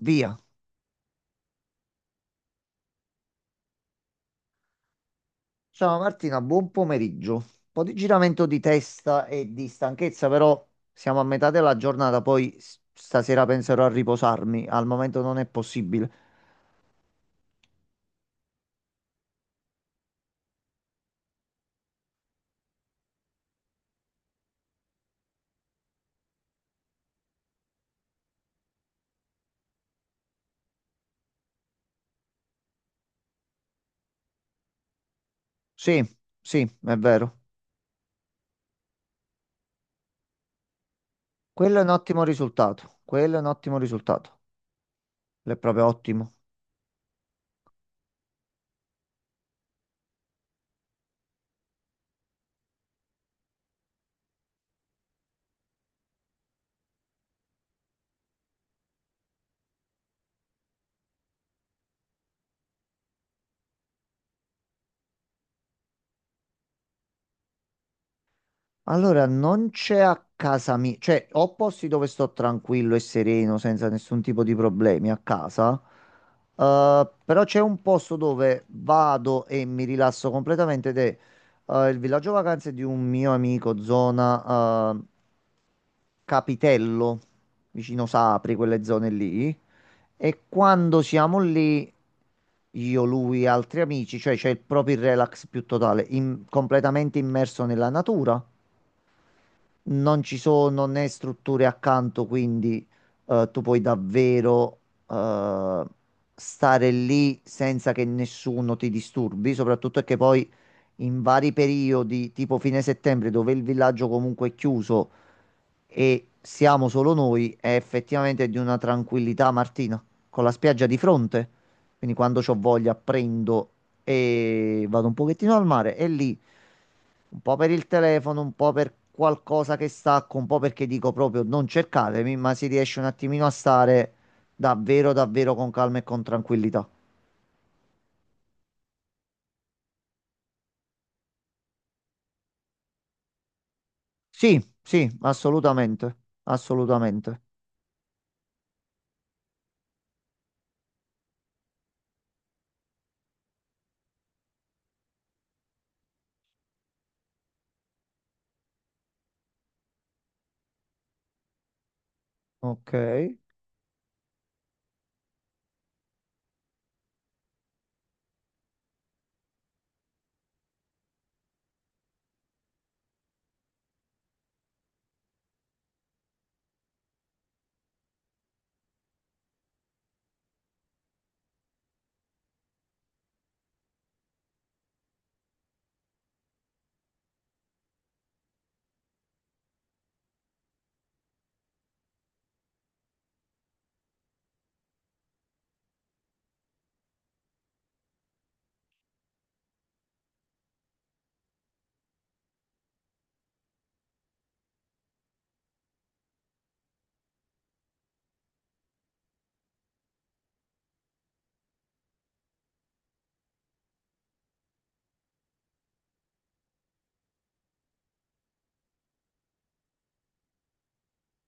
Via. Ciao Martina, buon pomeriggio. Un po' di giramento di testa e di stanchezza, però siamo a metà della giornata, poi stasera penserò a riposarmi. Al momento non è possibile. Sì, sì, è vero. Quello è un ottimo risultato. Quello è un ottimo risultato. Quello è proprio ottimo. Allora, non c'è a casa mia, cioè ho posti dove sto tranquillo e sereno senza nessun tipo di problemi a casa, però c'è un posto dove vado e mi rilasso completamente ed è il villaggio vacanze di un mio amico, zona Capitello, vicino Sapri, quelle zone lì. E quando siamo lì, io, lui e altri amici, cioè c'è il proprio il relax più totale, completamente immerso nella natura, non ci sono né strutture accanto, quindi tu puoi davvero eh, stare lì senza che nessuno ti disturbi, soprattutto è che poi in vari periodi, tipo fine settembre, dove il villaggio comunque è chiuso, e siamo solo noi, è effettivamente di una tranquillità, Martina, con la spiaggia di fronte. Quindi quando c'ho voglia prendo e vado un pochettino al mare e lì un po' per il telefono, un po' per qualcosa che stacco, un po' perché dico proprio non cercatemi, ma si riesce un attimino a stare davvero, davvero con calma e con tranquillità. Sì, sì, assolutamente, assolutamente. Ok,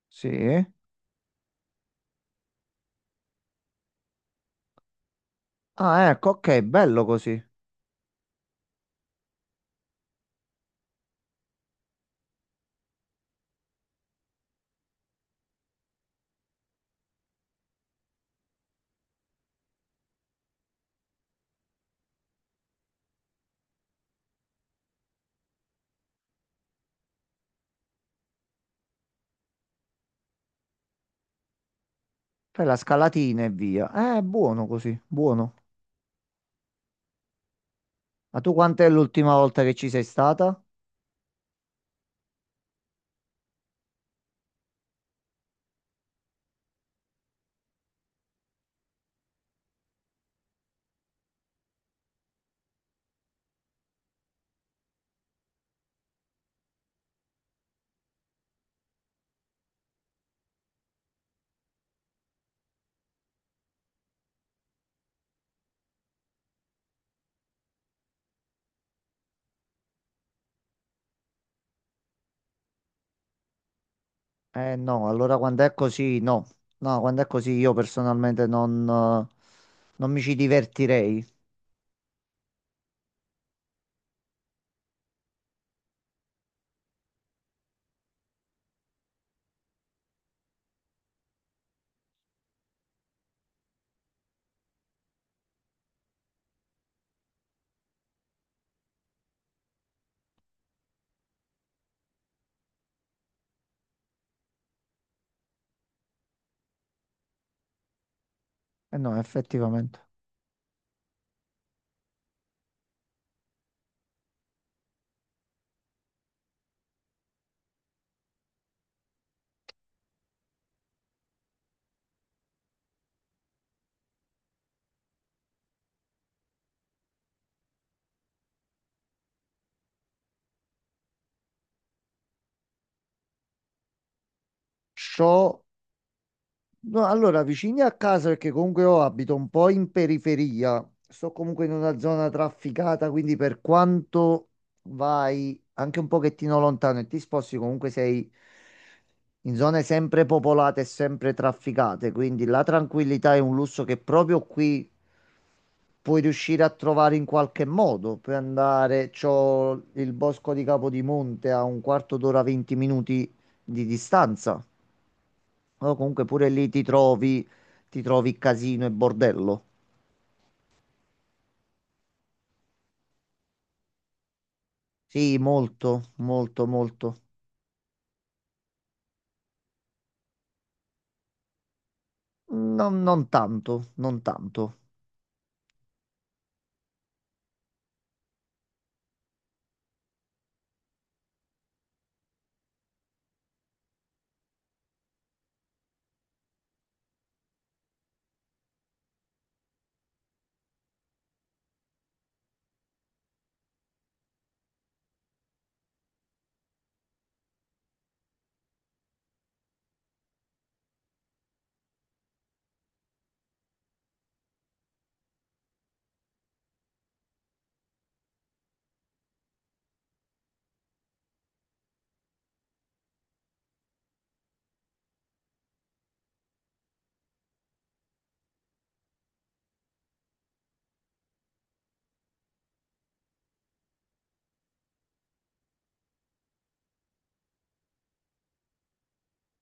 sì. Ah, ecco, ok, bello così. Fai la scalatina e via. Buono così, buono. Ma tu quant'è l'ultima volta che ci sei stata? Eh no, allora quando è così, no. No, quando è così io personalmente non, non mi ci divertirei. Eh no, effettivamente. Ciò. No, allora, vicini a casa, perché comunque io abito un po' in periferia, sto comunque in una zona trafficata, quindi per quanto vai anche un pochettino lontano e ti sposti, comunque sei in zone sempre popolate e sempre trafficate, quindi la tranquillità è un lusso che proprio qui puoi riuscire a trovare in qualche modo. Puoi andare, c'ho il bosco di Capodimonte a un quarto d'ora, 20 minuti di distanza. O comunque pure lì ti trovi casino e bordello. Sì, molto, molto, molto. Non, non tanto, non tanto.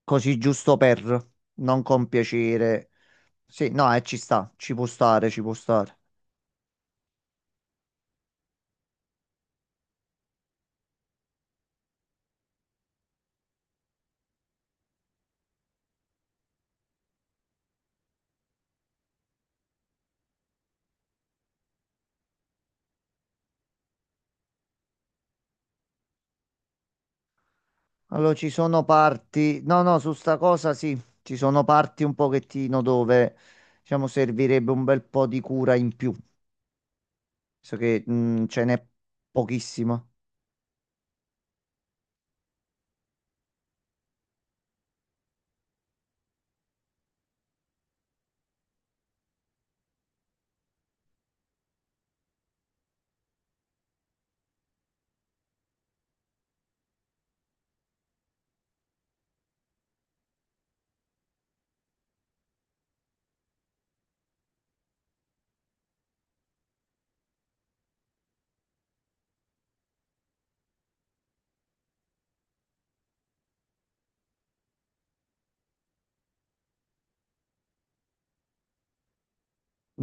Così giusto per, non con piacere. Sì, no, ci sta, ci può stare, ci può stare. Allora, ci sono parti... No, no, su sta cosa sì, ci sono parti un pochettino dove, diciamo, servirebbe un bel po' di cura in più. So che mm, ce n'è pochissima.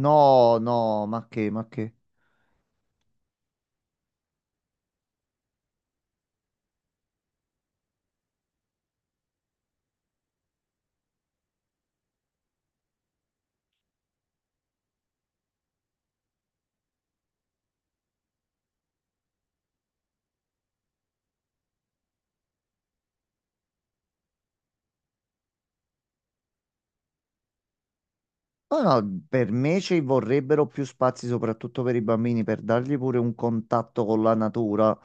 No, no, ma che, ma che. No, no, per me ci vorrebbero più spazi, soprattutto per i bambini, per dargli pure un contatto con la natura,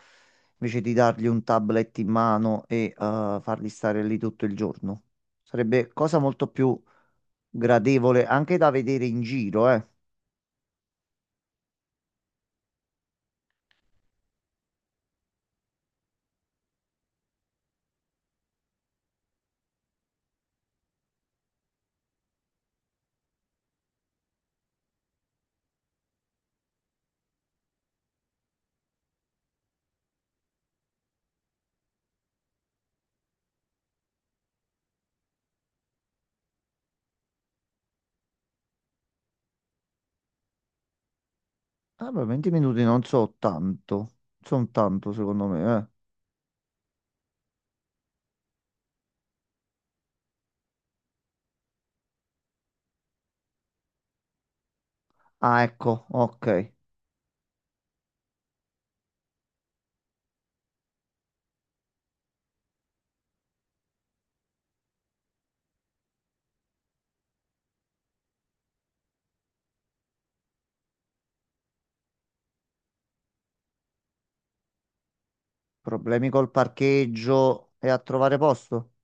invece di dargli un tablet in mano e farli stare lì tutto il giorno. Sarebbe cosa molto più gradevole anche da vedere in giro, eh. Ah, beh, 20 minuti non so tanto, sono tanto secondo me, eh. Ah, ecco, ok. Problemi col parcheggio e a trovare posto?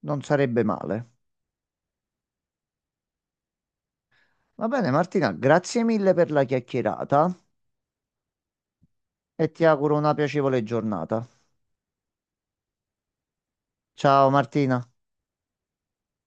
Non sarebbe male. Va bene, Martina, grazie mille per la chiacchierata e ti auguro una piacevole giornata. Ciao Martina.